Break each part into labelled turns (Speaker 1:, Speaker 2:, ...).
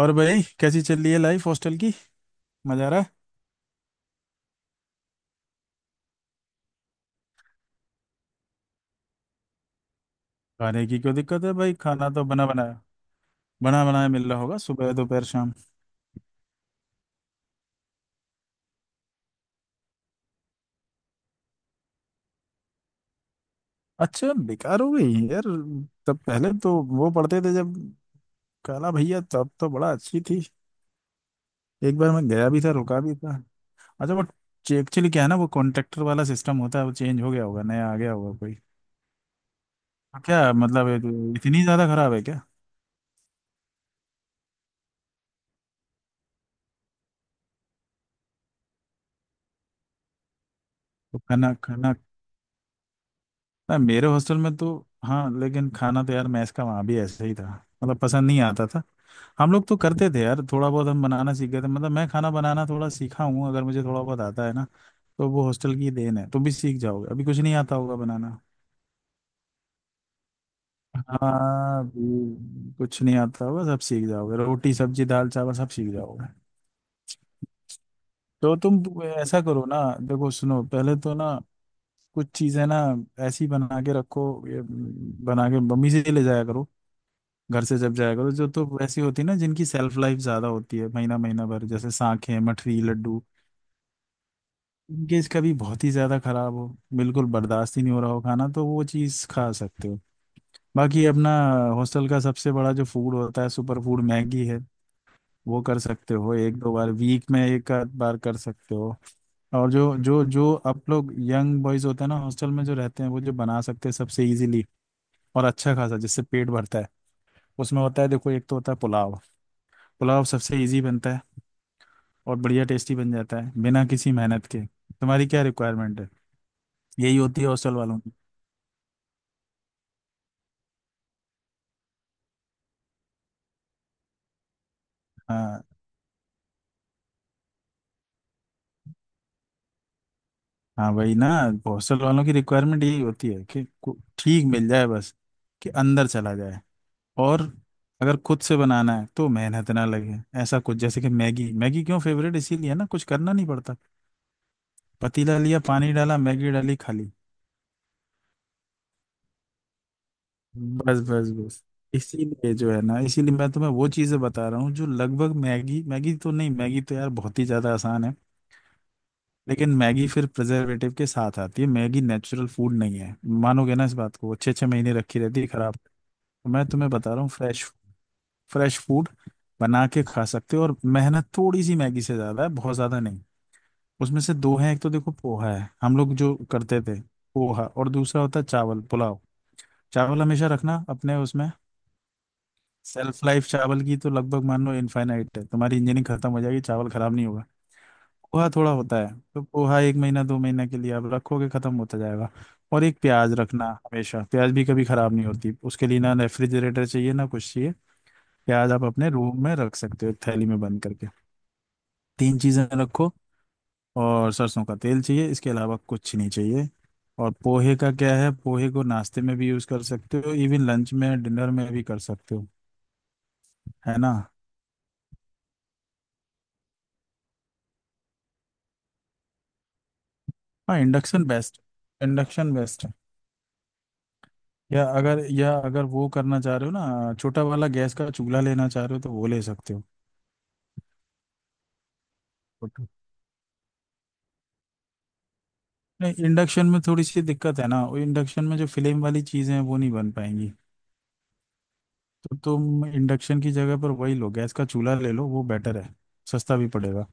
Speaker 1: और भाई कैसी चल रही है लाइफ हॉस्टल की। मजा आ रहा है। खाने की क्यों दिक्कत है भाई, खाना तो बना बनाया, बना बनाया मिल रहा होगा सुबह दोपहर शाम। अच्छा बेकार हो गई यार, तब पहले तो वो पढ़ते थे जब काला भैया, तब तो बड़ा अच्छी थी। एक बार मैं गया भी था, रुका भी था। अच्छा वो, एक्चुअली क्या है ना, वो कॉन्ट्रैक्टर वाला सिस्टम होता है, वो चेंज हो गया होगा, नया आ गया होगा कोई। तो क्या मतलब इतनी ज्यादा खराब है क्या। तो खाना खाना ना मेरे हॉस्टल में तो, हाँ लेकिन खाना तो यार मैस का वहाँ भी ऐसे ही था, मतलब पसंद नहीं आता था। हम लोग तो करते थे यार थोड़ा बहुत, हम बनाना सीख गए थे, मतलब मैं खाना बनाना थोड़ा सीखा हूँ, अगर मुझे थोड़ा बहुत आता है ना तो वो हॉस्टल की देन है। तुम भी सीख जाओगे, अभी कुछ नहीं आता होगा बनाना। हाँ अभी कुछ नहीं आता होगा, सब सीख जाओगे, रोटी सब्जी दाल चावल सब सीख जाओगे। तो तुम ऐसा करो ना, देखो सुनो, पहले तो ना कुछ चीजें ना ऐसी बना के रखो, ये बना के मम्मी से ले जाया करो। घर से जब जाएगा तो जो तो वैसी होती है ना जिनकी सेल्फ लाइफ ज्यादा होती है, महीना महीना भर, जैसे सांखें मठरी लड्डू। इनके इसका भी बहुत ही ज्यादा खराब हो, बिल्कुल बर्दाश्त ही नहीं हो रहा हो खाना, तो वो चीज खा सकते हो। बाकी अपना हॉस्टल का सबसे बड़ा जो फूड होता है सुपर फूड, मैगी है। वो कर सकते हो एक दो बार, वीक में एक आध बार कर सकते हो। और जो जो जो आप लोग यंग बॉयज होते हैं ना हॉस्टल में जो रहते हैं, वो जो बना सकते हैं सबसे इजीली और अच्छा खासा जिससे पेट भरता है, उसमें होता है देखो, एक तो होता है पुलाव। पुलाव सबसे इजी बनता है और बढ़िया टेस्टी बन जाता है बिना किसी मेहनत के। तुम्हारी क्या रिक्वायरमेंट है, यही होती है हॉस्टल वालों की। हाँ हाँ वही ना, हॉस्टल वालों की रिक्वायरमेंट यही होती है कि ठीक मिल जाए बस, कि अंदर चला जाए। और अगर खुद से बनाना है तो मेहनत ना लगे ऐसा कुछ, जैसे कि मैगी। मैगी क्यों फेवरेट इसीलिए है ना, कुछ करना नहीं पड़ता, पतीला लिया, पानी डाला, मैगी डाली, खाली। बस बस बस, इसीलिए जो है ना, इसीलिए मैं तुम्हें वो चीज़ें बता रहा हूँ जो लगभग मैगी, मैगी तो नहीं, मैगी तो यार बहुत ही ज़्यादा आसान है। लेकिन मैगी फिर प्रिजर्वेटिव के साथ आती है, मैगी नेचुरल फूड नहीं है। मानोगे ना इस बात को, अच्छे अच्छे महीने रखी रहती है, खराब, तो मैं तुम्हें बता रहा हूँ फ्रेश, फ्रेश फूड बना के खा सकते हो और मेहनत थोड़ी सी मैगी से ज्यादा है, बहुत ज्यादा नहीं। उसमें से दो हैं, एक तो देखो पोहा है, हम लोग जो करते थे, पोहा। और दूसरा होता है चावल पुलाव। चावल हमेशा रखना अपने उसमें, सेल्फ लाइफ चावल की तो लगभग मान लो इनफाइनाइट है, तुम्हारी इंजीनियरिंग खत्म हो जाएगी चावल खराब नहीं होगा। पोहा थोड़ा होता है, तो पोहा एक महीना दो महीना के लिए आप रखोगे, खत्म होता जाएगा। और एक प्याज रखना हमेशा, प्याज भी कभी खराब नहीं होती, उसके लिए ना रेफ्रिजरेटर चाहिए ना कुछ चाहिए। प्याज आप अपने रूम में रख सकते हो थैली में बंद करके। तीन चीजें रखो, और सरसों का तेल चाहिए, इसके अलावा कुछ नहीं चाहिए। और पोहे का क्या है, पोहे को नाश्ते में भी यूज कर सकते हो, इवन लंच में डिनर में भी कर सकते हो, है ना। हाँ इंडक्शन बेस्ट, इंडक्शन बेस्ट, या अगर वो करना चाह रहे हो ना, छोटा वाला गैस का चूल्हा लेना चाह रहे हो तो वो ले सकते हो। ओके। नहीं, इंडक्शन में थोड़ी सी दिक्कत है ना, वो इंडक्शन में जो फ्लेम वाली चीजें हैं वो नहीं बन पाएंगी। तो तुम इंडक्शन की जगह पर वही लो, गैस का चूल्हा ले लो, वो बेटर है, सस्ता भी पड़ेगा।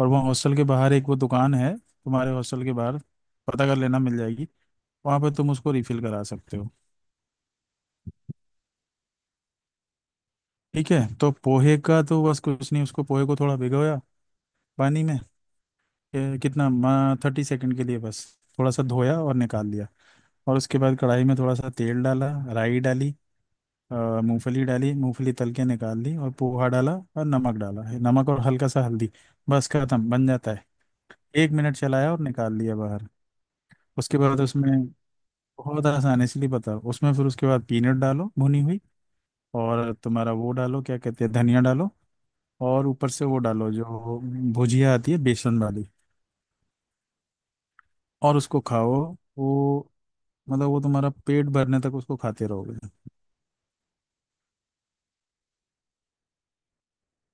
Speaker 1: और वहाँ हॉस्टल के बाहर एक वो दुकान है, तुम्हारे हॉस्टल के बाहर पता कर लेना, मिल जाएगी। वहाँ पर तुम उसको रिफिल करा सकते हो। ठीक है तो पोहे का तो बस कुछ नहीं, उसको पोहे को थोड़ा भिगोया पानी में, ये कितना, 30 सेकंड के लिए बस, थोड़ा सा धोया और निकाल लिया। और उसके बाद कढ़ाई में थोड़ा सा तेल डाला, राई डाली, अ, मूंगफली डाली, मूंगफली तल के निकाल ली और पोहा डाला और नमक डाला, है नमक और हल्का सा हल्दी, बस खत्म, बन जाता है। 1 मिनट चलाया और निकाल लिया बाहर। उसके बाद उसमें, बहुत आसान है इसलिए बता, उसमें फिर उसके बाद पीनट डालो भुनी हुई, और तुम्हारा वो डालो, क्या कहते हैं, धनिया डालो। और ऊपर से वो डालो जो भुजिया आती है बेसन वाली, और उसको खाओ। वो, मतलब वो तुम्हारा पेट भरने तक उसको खाते रहोगे।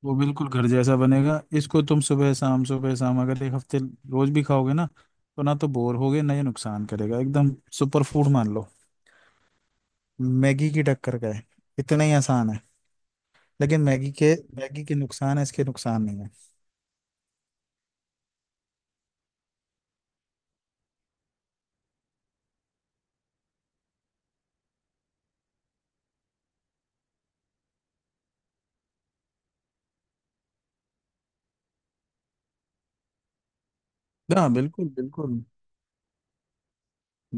Speaker 1: वो बिल्कुल घर जैसा बनेगा, इसको तुम सुबह शाम अगर एक हफ्ते रोज भी खाओगे ना, तो ना तो बोर होगे ना ये नुकसान करेगा, एकदम सुपर फूड मान लो, मैगी की टक्कर का है। इतना ही आसान है। लेकिन मैगी के नुकसान है, इसके नुकसान नहीं है। हाँ बिल्कुल बिल्कुल,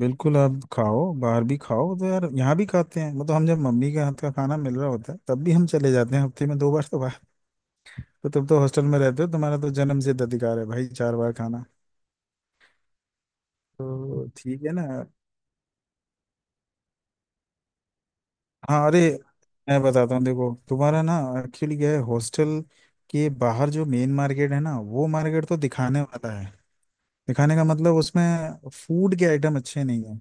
Speaker 1: बिल्कुल आप खाओ, बाहर भी खाओ, तो यार यहाँ भी खाते हैं, मतलब हम जब मम्मी के हाथ का खाना मिल रहा होता है तब भी हम चले जाते हैं हफ्ते में दो बार तो बाहर। तो तुम तो हॉस्टल में रहते हो, तुम्हारा तो जन्म सिद्ध अधिकार है भाई चार बार खाना। तो ठीक है ना। हाँ अरे मैं बताता हूँ, देखो तुम्हारा ना, एक्चुअली क्या है, हॉस्टल के बाहर जो मेन मार्केट है ना, वो मार्केट तो दिखाने वाला है। दिखाने का मतलब उसमें फूड के आइटम अच्छे नहीं है।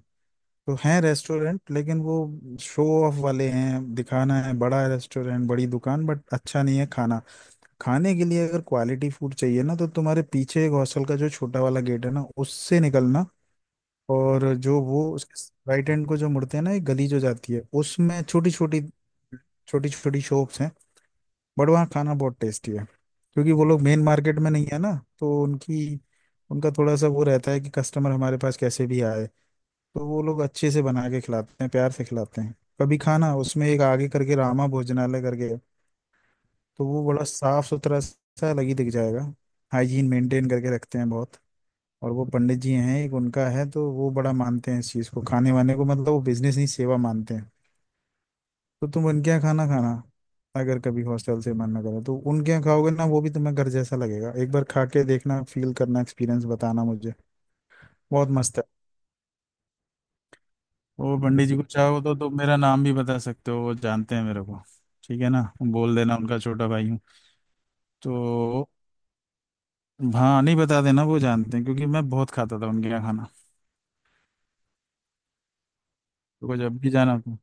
Speaker 1: तो हैं रेस्टोरेंट लेकिन वो शो ऑफ वाले हैं, दिखाना है बड़ा रेस्टोरेंट बड़ी दुकान, बट अच्छा नहीं है खाना। खाने के लिए अगर क्वालिटी फूड चाहिए ना, तो तुम्हारे पीछे एक हॉस्टल का जो छोटा वाला गेट है ना, उससे निकलना। और जो वो उसके राइट हैंड को जो मुड़ते हैं ना, एक गली जो जाती है, उसमें छोटी छोटी छोटी छोटी शॉप्स हैं, बट वहाँ खाना बहुत टेस्टी है, क्योंकि वो लोग मेन मार्केट में नहीं है ना। तो उनकी, उनका थोड़ा सा वो रहता है कि कस्टमर हमारे पास कैसे भी आए, तो वो लोग अच्छे से बना के खिलाते हैं, प्यार से खिलाते हैं। कभी खाना, उसमें एक आगे करके रामा भोजनालय करके है, तो वो बड़ा साफ सुथरा सा अलग ही दिख जाएगा, हाइजीन मेंटेन करके रखते हैं बहुत। और वो पंडित जी हैं एक, उनका है, तो वो बड़ा मानते हैं इस चीज़ को, खाने वाने को, मतलब वो बिजनेस नहीं सेवा मानते हैं। तो तुम उनके यहाँ खाना खाना, अगर कभी हॉस्टल से मन ना करे तो उनके यहाँ खाओगे ना वो भी तुम्हें घर जैसा लगेगा। एक बार खा के देखना, फील करना, एक्सपीरियंस बताना मुझे, बहुत मस्त है। वो पंडित जी को चाहो तो तुम मेरा नाम भी बता सकते हो, वो जानते हैं मेरे को, ठीक है ना, बोल देना उनका छोटा भाई हूँ। तो हाँ नहीं, बता देना, वो जानते हैं क्योंकि मैं बहुत खाता था उनके यहाँ खाना। तो जब भी जाना तो।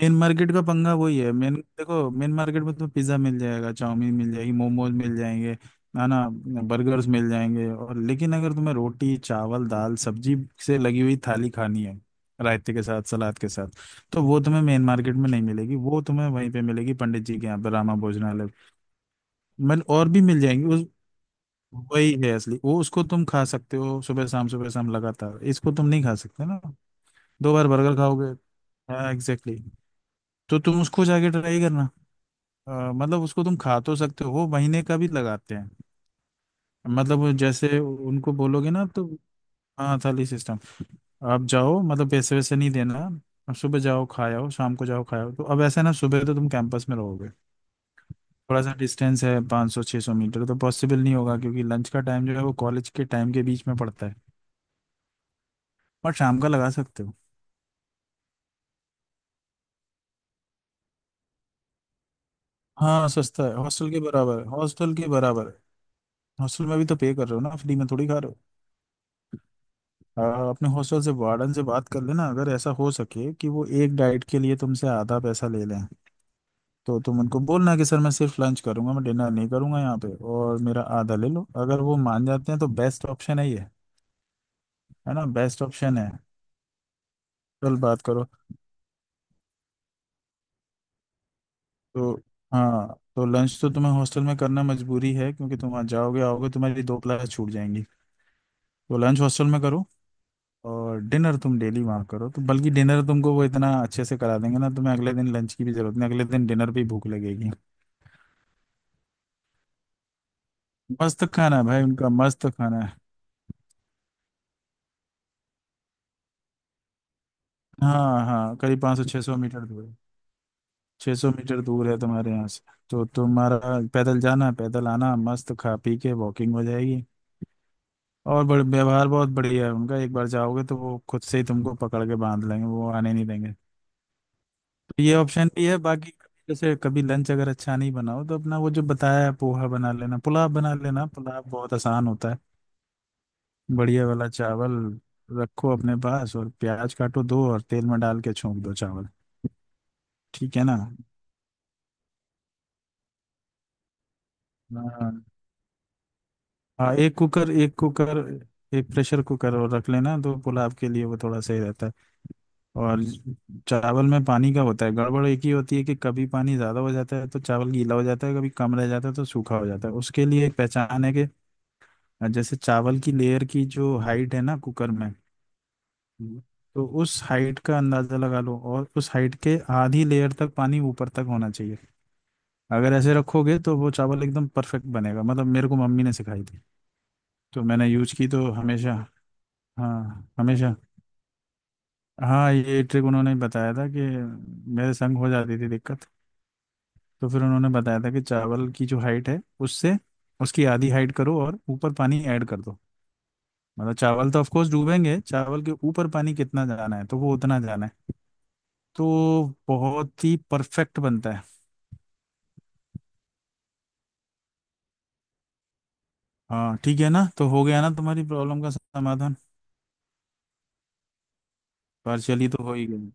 Speaker 1: मेन मार्केट का पंगा वही है, मेन देखो मेन मार्केट में तुम्हें पिज्ज़ा मिल जाएगा, चाउमीन मिल जाएगी, मोमोज मिल जाएंगे, है ना, बर्गर्स मिल जाएंगे। और लेकिन अगर तुम्हें रोटी चावल दाल सब्जी से लगी हुई थाली खानी है रायते के साथ सलाद के साथ, तो वो तुम्हें मेन मार्केट में नहीं मिलेगी, वो तुम्हें वहीं पे मिलेगी, पंडित जी के यहाँ पे, रामा भोजनालय। मन और भी मिल जाएंगी उस, वही है असली, वो उसको तुम खा सकते हो सुबह शाम लगातार, इसको तुम नहीं खा सकते ना दो बार बर्गर खाओगे। हाँ एग्जैक्टली, तो तुम उसको जाके ट्राई करना। मतलब उसको तुम खा तो सकते हो, वो महीने का भी लगाते हैं, मतलब वो जैसे उनको बोलोगे ना तो, हाँ थाली सिस्टम। आप जाओ, मतलब पैसे वैसे नहीं देना, आप सुबह जाओ खाए आओ, शाम को जाओ खाए आओ। तो अब ऐसा है ना, सुबह तो तुम कैंपस में रहोगे, थोड़ा सा डिस्टेंस है, 500 600 मीटर, तो पॉसिबल नहीं होगा क्योंकि लंच का टाइम जो है वो कॉलेज के टाइम के बीच में पड़ता है, बट शाम का लगा सकते हो। हाँ सस्ता है, हॉस्टल के बराबर है, हॉस्टल के बराबर है, हॉस्टल में भी तो पे कर रहे हो ना, फ्री में थोड़ी खा रहे हो। आ, अपने हॉस्टल से, वार्डन से बात कर लेना, अगर ऐसा हो सके कि वो एक डाइट के लिए तुमसे आधा पैसा ले लें, तो तुम उनको बोलना कि सर मैं सिर्फ लंच करूंगा, मैं डिनर नहीं करूंगा यहाँ पे, और मेरा आधा ले लो। अगर वो मान जाते हैं तो बेस्ट ऑप्शन है ये, है ना, बेस्ट ऑप्शन है। कल बात करो। तो हाँ, तो लंच तो तुम्हें हॉस्टल में करना मजबूरी है, क्योंकि तुम आज जाओगे आओगे तुम्हारी दो क्लास छूट जाएंगी, तो लंच हॉस्टल में करो और डिनर तुम डेली वहाँ करो, तो बल्कि डिनर तुमको वो इतना अच्छे से करा देंगे ना, तुम्हें अगले दिन लंच की भी जरूरत नहीं, अगले दिन डिनर भी भूख लगेगी। मस्त खाना है भाई, उनका मस्त खाना है। हाँ हाँ करीब 500 600 मीटर दूर है, 600 मीटर दूर है तुम्हारे यहाँ से। तो तुम्हारा पैदल जाना पैदल आना, मस्त खा पी के वॉकिंग हो जाएगी। और बड़े व्यवहार बहुत बढ़िया है उनका, एक बार जाओगे तो वो खुद से ही तुमको पकड़ के बांध लेंगे, वो आने नहीं देंगे। तो ये ऑप्शन भी है, बाकी जैसे कभी लंच अगर अच्छा नहीं बनाओ तो अपना वो जो बताया है, पोहा बना लेना, पुलाव बना लेना, पुलाव बहुत आसान होता है। बढ़िया वाला चावल रखो अपने पास, और प्याज काटो दो, और तेल में डाल के छोंक दो चावल, ठीक है ना। हाँ हाँ, एक कुकर, एक कुकर, एक प्रेशर कुकर और रख लेना, तो पुलाव के लिए वो थोड़ा सही रहता है। और चावल में पानी का होता है गड़बड़ एक ही होती है, कि कभी पानी ज़्यादा हो जाता है तो चावल गीला हो जाता है, कभी कम रह जाता है तो सूखा हो जाता है। उसके लिए एक पहचान है कि जैसे चावल की लेयर की जो हाइट है ना कुकर में, हम्म। तो उस हाइट का अंदाज़ा लगा लो, और उस हाइट के आधी लेयर तक पानी ऊपर तक होना चाहिए। अगर ऐसे रखोगे तो वो चावल एकदम परफेक्ट बनेगा, मतलब मेरे को मम्मी ने सिखाई थी, तो मैंने यूज की तो हमेशा। हाँ हमेशा, हाँ ये ट्रिक उन्होंने बताया था कि, मेरे संग हो जाती थी दिक्कत, तो फिर उन्होंने बताया था कि चावल की जो हाइट है उससे उसकी आधी हाइट करो और ऊपर पानी ऐड कर दो। मतलब चावल तो ऑफकोर्स डूबेंगे, चावल के ऊपर पानी कितना जाना है तो वो उतना जाना है। तो बहुत ही परफेक्ट बनता है। हाँ ठीक है ना, तो हो गया ना तुम्हारी प्रॉब्लम का समाधान, पार्शियली तो हो ही गया।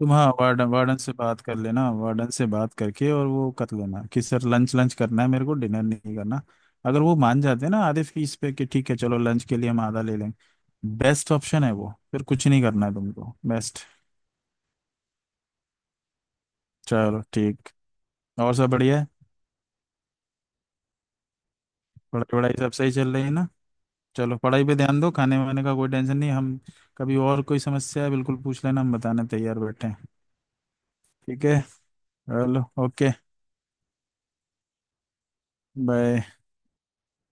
Speaker 1: तुम हाँ, वार्डन वार्डन से बात कर लेना, वार्डन से बात करके और वो कर लेना कि सर लंच लंच करना है मेरे को, डिनर नहीं करना। अगर वो मान जाते हैं ना आधे फीस पे कि ठीक है चलो लंच के लिए हम आधा ले लेंगे, बेस्ट ऑप्शन है वो, फिर कुछ नहीं करना है तुमको, बेस्ट। चलो ठीक, और सब बढ़िया है, पढ़ाई वढ़ाई सब सही चल रही है ना। चलो पढ़ाई पे ध्यान दो, खाने वाने का कोई टेंशन नहीं, हम कभी और कोई समस्या है बिल्कुल पूछ लेना, हम बताने तैयार बैठे हैं, ठीक है, चलो ओके, बाय।